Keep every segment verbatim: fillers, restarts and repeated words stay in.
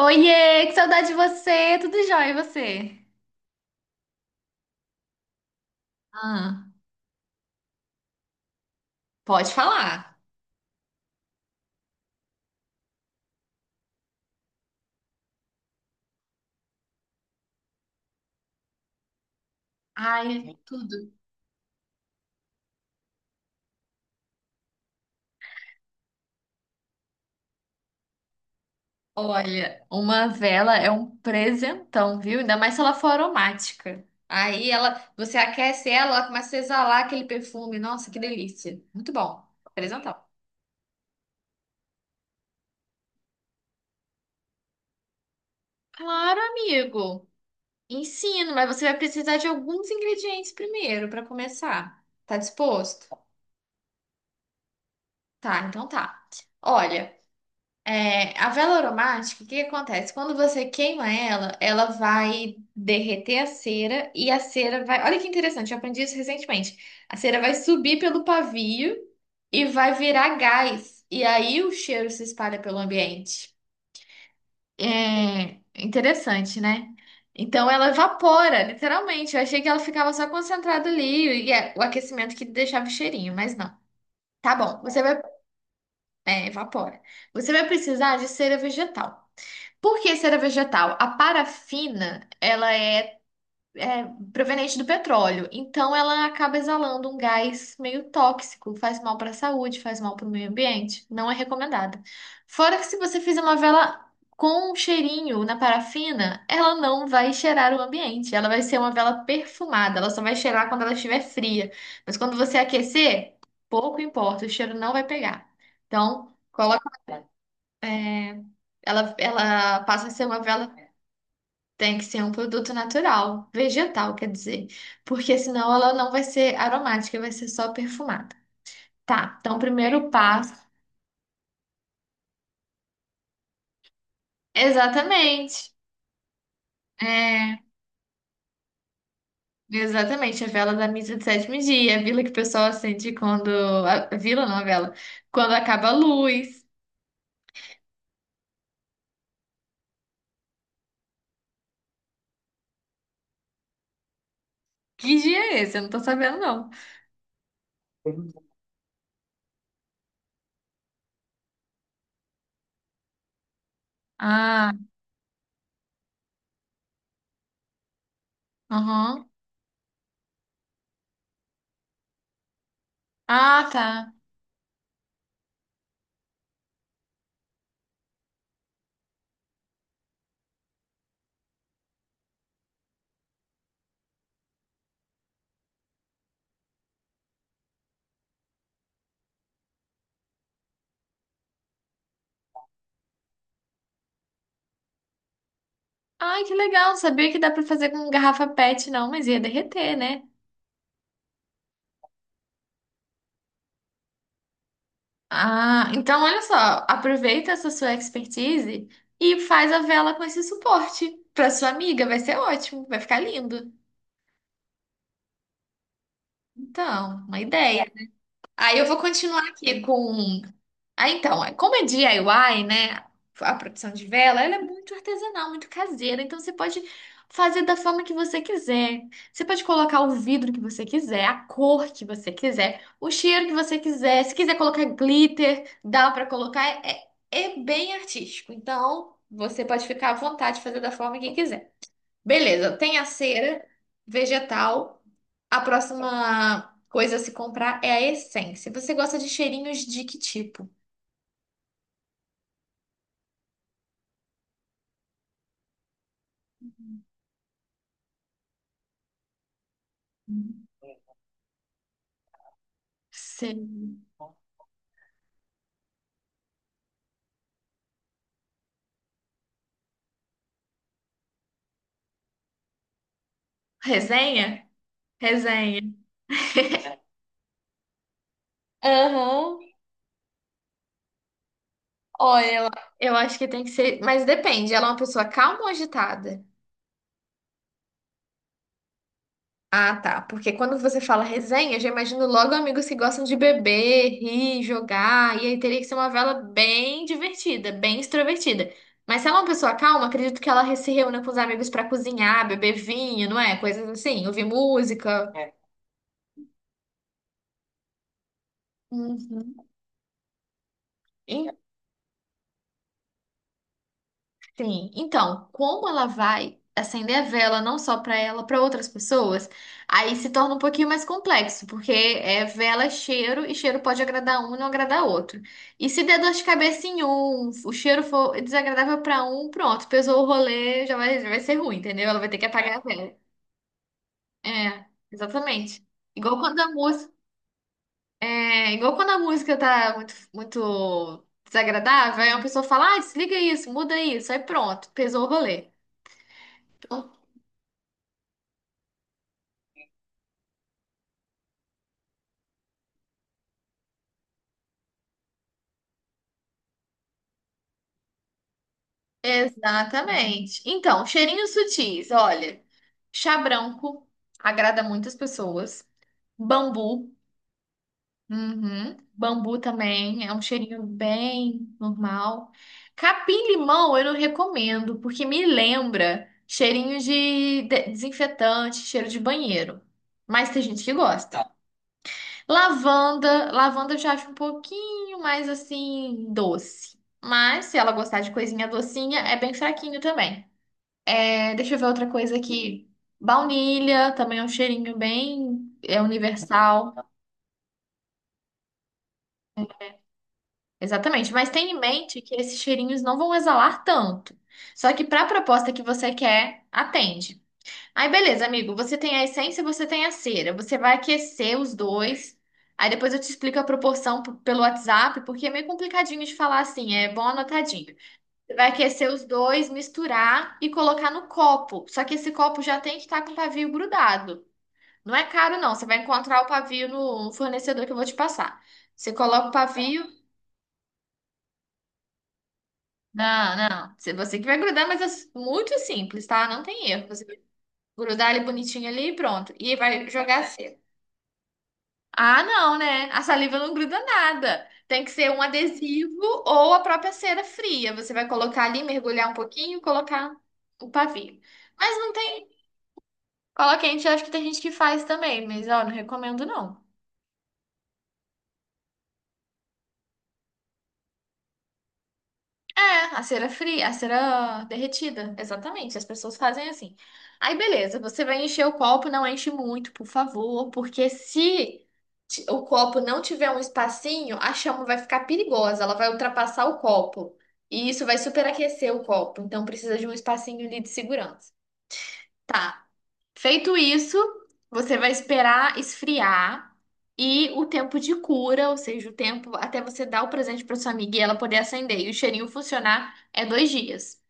Oiê, que saudade de você! Tudo jóia, e você? Ah, pode falar. Ai, olha, uma vela é um presentão, viu? Ainda mais se ela for aromática. Aí ela, você aquece ela, ela começa a exalar aquele perfume. Nossa, que delícia! Muito bom. Presentão. Claro, amigo. Ensino, mas você vai precisar de alguns ingredientes primeiro para começar. Tá disposto? Tá, então tá. Olha. É, a vela aromática, o que que acontece? Quando você queima ela, ela vai derreter a cera e a cera vai. Olha que interessante, eu aprendi isso recentemente. A cera vai subir pelo pavio e vai virar gás. E aí o cheiro se espalha pelo ambiente. É interessante, né? Então ela evapora, literalmente. Eu achei que ela ficava só concentrada ali e é o aquecimento que deixava o cheirinho, mas não. Tá bom, você vai. É, evapora. Você vai precisar de cera vegetal. Por que cera vegetal? A parafina, ela é, é proveniente do petróleo, então ela acaba exalando um gás meio tóxico, faz mal para a saúde, faz mal para o meio ambiente, não é recomendada. Fora que se você fizer uma vela com um cheirinho na parafina, ela não vai cheirar o ambiente, ela vai ser uma vela perfumada, ela só vai cheirar quando ela estiver fria. Mas quando você aquecer, pouco importa, o cheiro não vai pegar. Então, coloca. É, ela, ela passa a ser uma vela, tem que ser um produto natural, vegetal, quer dizer, porque senão ela não vai ser aromática, vai ser só perfumada. Tá, então o primeiro passo. Exatamente. É, exatamente, a vela da missa de sétimo dia, a vela que o pessoal acende quando. A vila não, a vela. Quando acaba a luz. Que dia é esse? Eu não tô sabendo, não. Ah, aham. Ah, tá. Ai, que legal. Não sabia que dá pra fazer com garrafa P E T, não, mas ia derreter, né? Ah, então olha só, aproveita essa sua expertise e faz a vela com esse suporte para sua amiga, vai ser ótimo, vai ficar lindo. Então, uma ideia. Aí eu vou continuar aqui com. Ah, então, é, como é D I Y, né? A produção de vela, ela é muito artesanal, muito caseira. Então você pode fazer da forma que você quiser. Você pode colocar o vidro que você quiser, a cor que você quiser, o cheiro que você quiser. Se quiser colocar glitter, dá pra colocar. É, é bem artístico. Então você pode ficar à vontade de fazer da forma que quiser. Beleza, tem a cera vegetal. A próxima coisa a se comprar é a essência. Você gosta de cheirinhos de que tipo? Sim. Resenha? Resenha. Aham. Olha, lá. Eu acho que tem que ser. Mas depende, ela é uma pessoa calma ou agitada? Ah, tá. Porque quando você fala resenha, eu já imagino logo amigos que gostam de beber, rir, jogar. E aí teria que ser uma vela bem divertida, bem extrovertida. Mas se ela é uma pessoa calma, acredito que ela se reúna com os amigos pra cozinhar, beber vinho, não é? Coisas assim, ouvir música. Uhum. En- Sim. Então, como ela vai acender a vela não só para ela, para outras pessoas, aí se torna um pouquinho mais complexo, porque é vela, é cheiro, e cheiro pode agradar um e não agradar outro. E se der dor de cabeça em um, o cheiro for desagradável para um, pronto, pesou o rolê, já vai, já vai ser ruim, entendeu? Ela vai ter que apagar a vela. É, exatamente. Igual quando a música. É igual quando a música tá muito, muito desagradável, aí uma pessoa fala, ah, desliga isso, muda isso, aí pronto, pesou o rolê. Então, exatamente. Então, cheirinhos sutis, olha, chá branco agrada muitas pessoas, bambu, uhum, bambu também é um cheirinho bem normal. Capim-limão eu não recomendo, porque me lembra cheirinho de de- desinfetante, cheiro de banheiro. Mas tem gente que gosta. Lavanda, lavanda eu já acho um pouquinho mais assim doce. Mas se ela gostar de coisinha docinha, é bem fraquinho também. É, deixa eu ver outra coisa aqui. Baunilha também é um cheirinho bem é universal. Exatamente, mas tenha em mente que esses cheirinhos não vão exalar tanto. Só que para a proposta que você quer, atende. Aí, beleza, amigo. Você tem a essência, você tem a cera. Você vai aquecer os dois. Aí depois eu te explico a proporção p- pelo WhatsApp, porque é meio complicadinho de falar assim, é bom anotadinho. Você vai aquecer os dois, misturar e colocar no copo. Só que esse copo já tem que estar com o pavio grudado. Não é caro, não. Você vai encontrar o pavio no no fornecedor que eu vou te passar. Você coloca o pavio. Não, não. Você você que vai grudar, mas é s- muito simples, tá? Não tem erro. Você vai grudar ele bonitinho ali e pronto. E vai jogar a cera. Ah, não, né? A saliva não gruda nada. Tem que ser um adesivo ou a própria cera fria. Você vai colocar ali, mergulhar um pouquinho, colocar o pavio. Mas não tem cola quente, eu acho que tem gente que faz também, mas ó, não recomendo não. É, a cera fria, a cera derretida, exatamente. As pessoas fazem assim. Aí, beleza, você vai encher o copo, não enche muito, por favor, porque se ti- o copo não tiver um espacinho, a chama vai ficar perigosa, ela vai ultrapassar o copo. E isso vai superaquecer o copo, então precisa de um espacinho ali de segurança. Tá. Feito isso, você vai esperar esfriar e o tempo de cura, ou seja, o tempo até você dar o presente para sua amiga e ela poder acender e o cheirinho funcionar, é dois dias.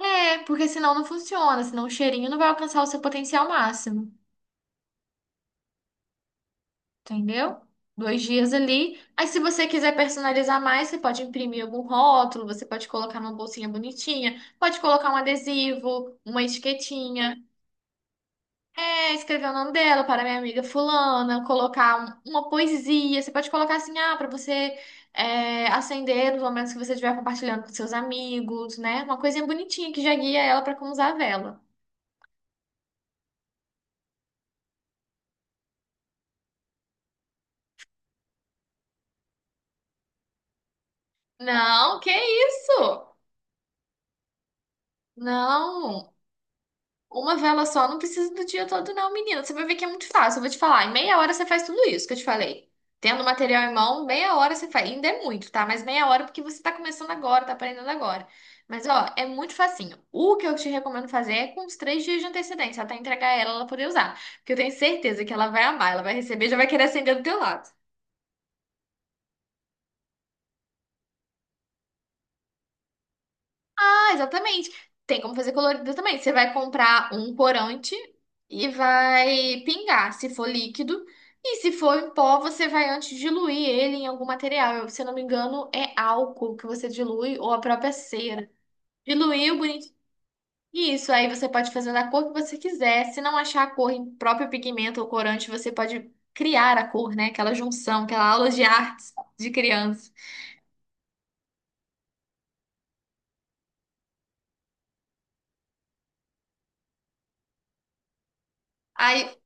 É, porque senão não funciona, senão o cheirinho não vai alcançar o seu potencial máximo, entendeu? Dois dias ali. Aí, se você quiser personalizar mais, você pode imprimir algum rótulo, você pode colocar numa bolsinha bonitinha, pode colocar um adesivo, uma etiquetinha. É, escrever o nome dela para minha amiga fulana, colocar um- uma poesia. Você pode colocar assim, ah, para você é, acender nos momentos que você estiver compartilhando com seus amigos, né? Uma coisinha bonitinha que já guia ela para como usar a vela. Não, que isso? Não. Uma vela só não precisa do dia todo, não, menina. Você vai ver que é muito fácil. Eu vou te falar. Em meia hora você faz tudo isso que eu te falei. Tendo material em mão, meia hora você faz. Ainda é muito, tá? Mas meia hora porque você tá começando agora, tá aprendendo agora. Mas, ó, é muito facinho. O que eu te recomendo fazer é com uns três dias de antecedência, até entregar ela, ela poder usar. Porque eu tenho certeza que ela vai amar, ela vai receber, e já vai querer acender do teu lado. Ah, exatamente. Tem como fazer colorido também. Você vai comprar um corante e vai pingar, se for líquido. E se for em pó, você vai antes diluir ele em algum material. Eu, se eu não me engano, é álcool que você dilui ou a própria cera. Diluiu, bonito. Isso, aí você pode fazer da cor que você quiser. Se não achar a cor em próprio pigmento ou corante, você pode criar a cor, né? Aquela junção, aquela aula de artes de criança. Aí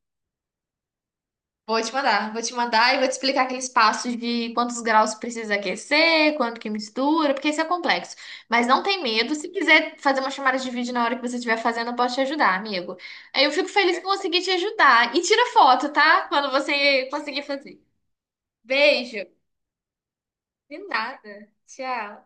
vou te mandar, vou te mandar e vou te explicar aqueles passos de quantos graus precisa aquecer, quanto que mistura, porque isso é complexo. Mas não tem medo, se quiser fazer uma chamada de vídeo na hora que você estiver fazendo, eu posso te ajudar, amigo. Eu fico feliz que consegui te ajudar. E tira foto, tá? Quando você conseguir fazer. Beijo. De nada. Tchau.